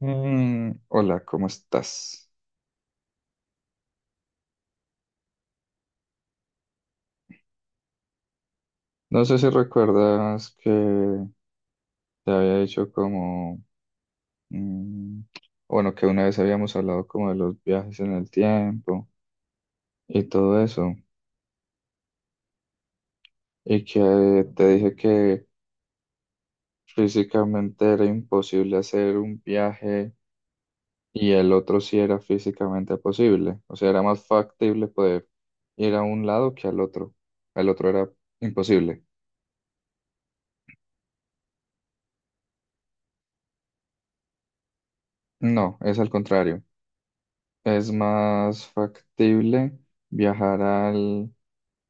Hola, ¿cómo estás? No sé si recuerdas que te había dicho como, mm, bueno, que una vez habíamos hablado como de los viajes en el tiempo y todo eso, y que te dije que físicamente era imposible hacer un viaje y el otro sí era físicamente posible, o sea, era más factible poder ir a un lado que al otro, el otro era imposible. No, es al contrario. Es más factible viajar al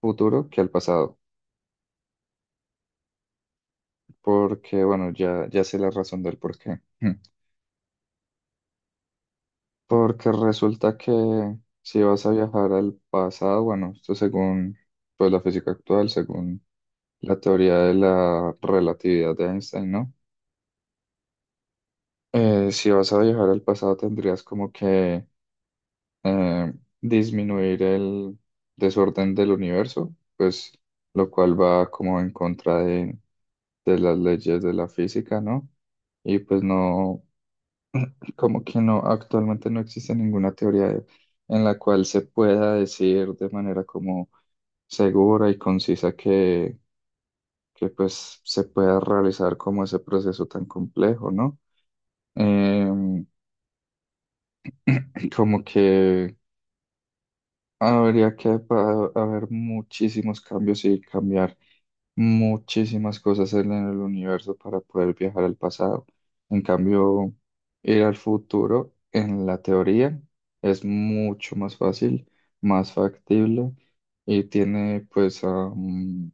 futuro que al pasado, porque bueno, ya sé la razón del por qué. Hmm. Porque resulta que si vas a viajar al pasado, bueno, esto según pues, la física actual, según la teoría de la relatividad de Einstein, ¿no? Si vas a viajar al pasado tendrías como que eh, disminuir el desorden del universo, pues lo cual va como en contra de las leyes de la física, ¿no? Y pues no, como que no, actualmente no existe ninguna teoría de- en la cual se pueda decir de manera como segura y concisa que pues se pueda realizar como ese proceso tan complejo, ¿no? Em, como que habría que pa- haber muchísimos cambios y cambiar. Muchísimas cosas en el universo para poder viajar al pasado. En cambio, ir al futuro, en la teoría, es mucho más fácil, más factible y tiene pues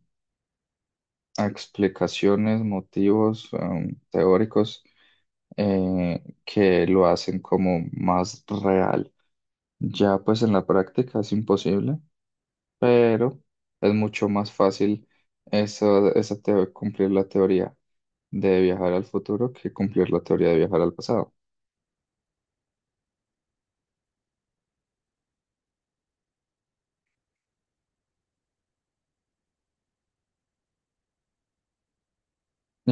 explicaciones, motivos teóricos que lo hacen como más real. Ya pues en la práctica es imposible pero es mucho más fácil eso, esa teo- cumplir la teoría de viajar al futuro que cumplir la teoría de viajar al pasado.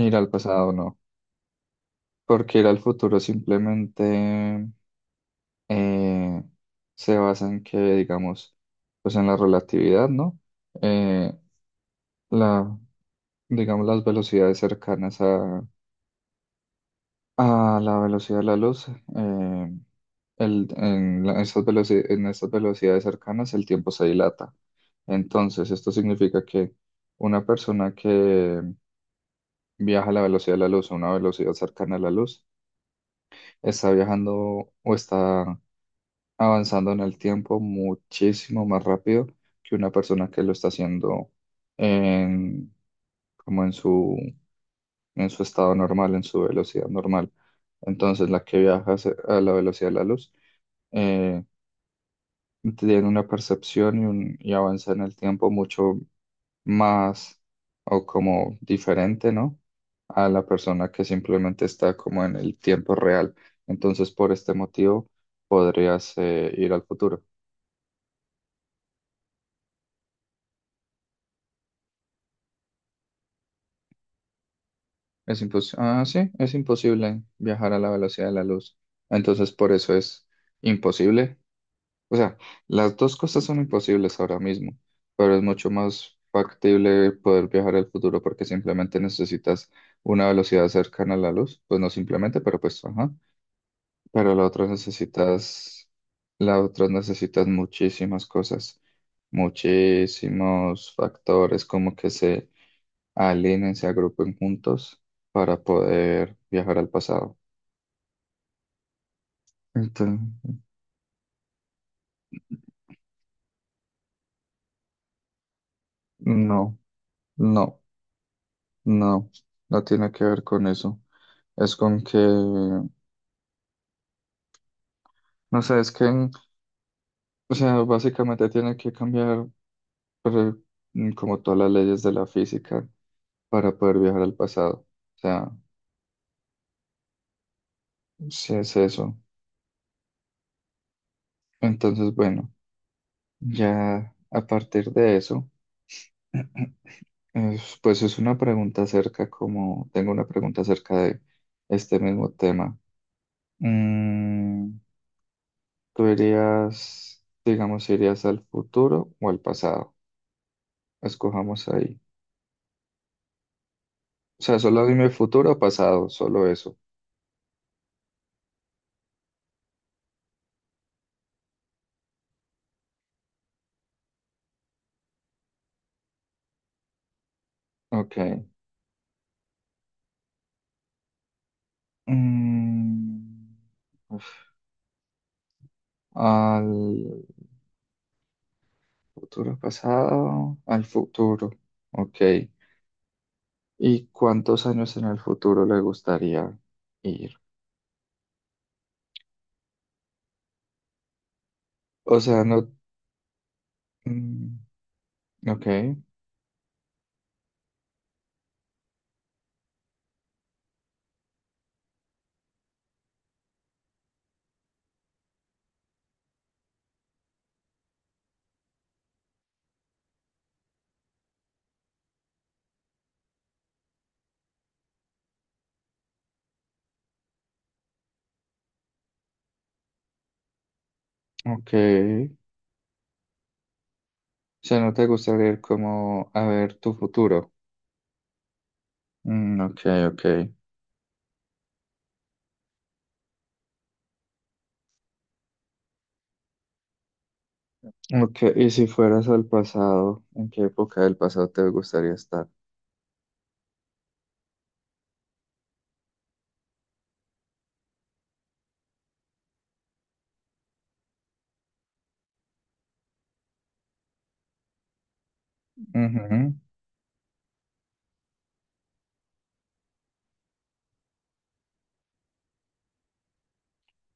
Ir al pasado no, porque ir al futuro simplemente eh, se basa en que, digamos, pues en la relatividad, ¿no? Eh, la, digamos, las velocidades cercanas a la velocidad de la luz, eh, el- en la- esas veloci- en estas velocidades cercanas el tiempo se dilata. Entonces, esto significa que una persona que viaja a la velocidad de la luz, a una velocidad cercana a la luz, está viajando o está avanzando en el tiempo muchísimo más rápido que una persona que lo está haciendo en, como en su estado normal, en su velocidad normal. Entonces, la que viaja a la velocidad de la luz, eh, tienen una percepción y, un, y avanza en el tiempo mucho más o como diferente, ¿no? A la persona que simplemente está como en el tiempo real. Entonces, por este motivo, podrías ir al futuro. Es impos- ah, sí, es imposible viajar a la velocidad de la luz. Entonces, por eso es imposible. O sea, las dos cosas son imposibles ahora mismo, pero es mucho más factible poder viajar al futuro porque simplemente necesitas una velocidad cercana a la luz, pues no simplemente, pero pues ajá, pero la otra necesitas muchísimas cosas, muchísimos factores como que se alineen, se agrupen juntos para poder viajar al pasado. Entonces, no, no, no, no tiene que ver con eso. Es con que, no sé, es que, o sea, básicamente tiene que cambiar pero, como todas las leyes de la física para poder viajar al pasado. O sea, si es eso. Entonces, bueno, ya a partir de eso, es- pues es una pregunta acerca, como tengo una pregunta acerca de este mismo tema. Mm, ¿Tú irías, digamos, irías al futuro o al pasado? Escojamos ahí. O sea, solo dime futuro o pasado, solo eso. Ok. Mm, uf, Al futuro pasado, al futuro. Ok. ¿Y cuántos años en el futuro le gustaría ir? O sea, no... mm, Ok, ok. O sea, ¿no te gustaría ir como a ver tu futuro? Ok, ok. Ok, ¿y si fueras al pasado, en qué época del pasado te gustaría estar? Ujú.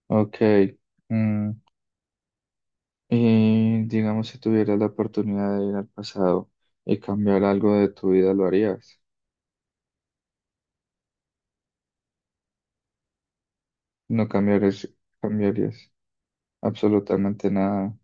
Ok. mm, Y digamos, si tuvieras la oportunidad de ir al pasado y cambiar algo de tu vida, ¿lo harías? No cambiarías, cambiarías absolutamente nada.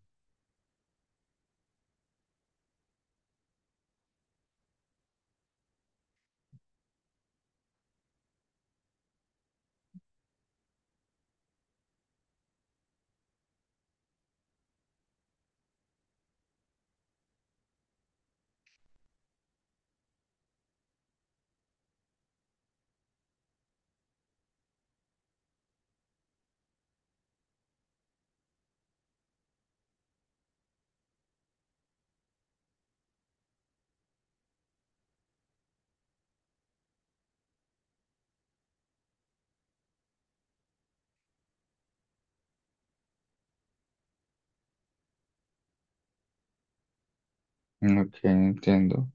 Ok, entiendo.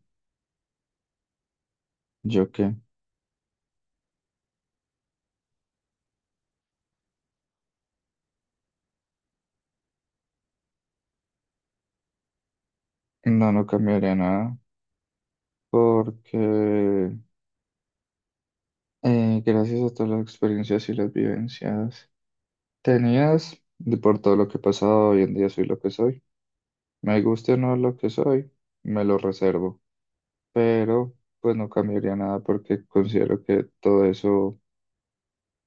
¿Yo qué? No, no cambiaría nada porque gracias a todas las experiencias y las vivencias tenías, de por todo lo que he pasado, hoy en día soy lo que soy. Me guste o no lo que soy, me lo reservo. Pero pues no cambiaría nada porque considero que todo eso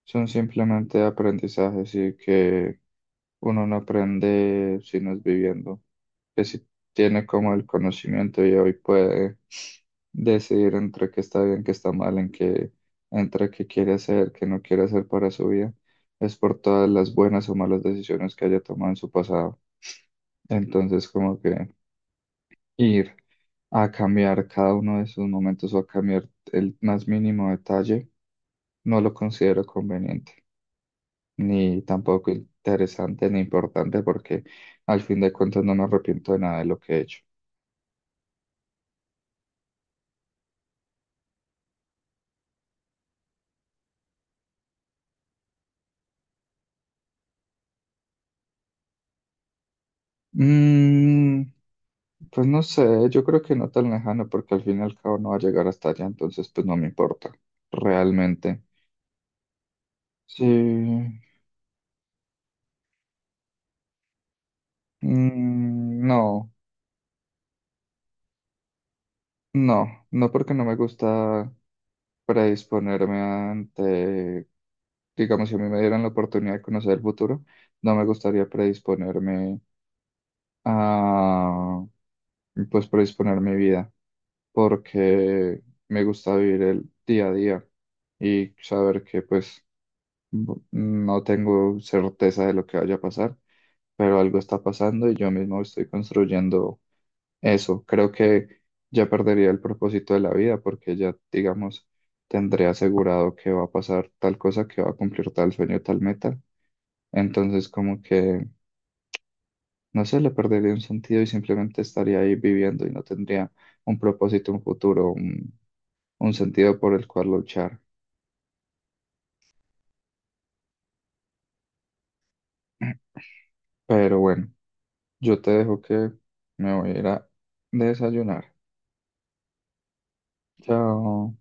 son simplemente aprendizajes y que uno no aprende si no es viviendo, que si tiene como el conocimiento y hoy puede decidir entre qué está bien, qué está mal, en qué, entre qué quiere hacer, qué no quiere hacer para su vida, es por todas las buenas o malas decisiones que haya tomado en su pasado. Entonces como que ir a cambiar cada uno de esos momentos o a cambiar el más mínimo detalle no lo considero conveniente, ni tampoco interesante ni importante porque al fin de cuentas no me arrepiento de nada de lo que he hecho. Mm, pues no sé, yo creo que no tan lejano porque al fin y al cabo no va a llegar hasta allá, entonces pues no me importa, realmente. Sí, no, no, no porque no me gusta predisponerme ante, digamos, si a mí me dieran la oportunidad de conocer el futuro, no me gustaría predisponerme a y, pues predisponer mi vida, porque me gusta vivir el día a día y saber que pues b- no tengo certeza de lo que vaya a pasar, pero algo está pasando y yo mismo estoy construyendo eso. Creo que ya perdería el propósito de la vida porque ya, digamos, tendré asegurado que va a pasar tal cosa, que va a cumplir tal sueño, tal meta. Entonces, como que no sé, le perdería un sentido y simplemente estaría ahí viviendo y no tendría un propósito, un futuro, un sentido por el cual luchar. Pero bueno, yo te dejo que me voy a ir a desayunar. Chao.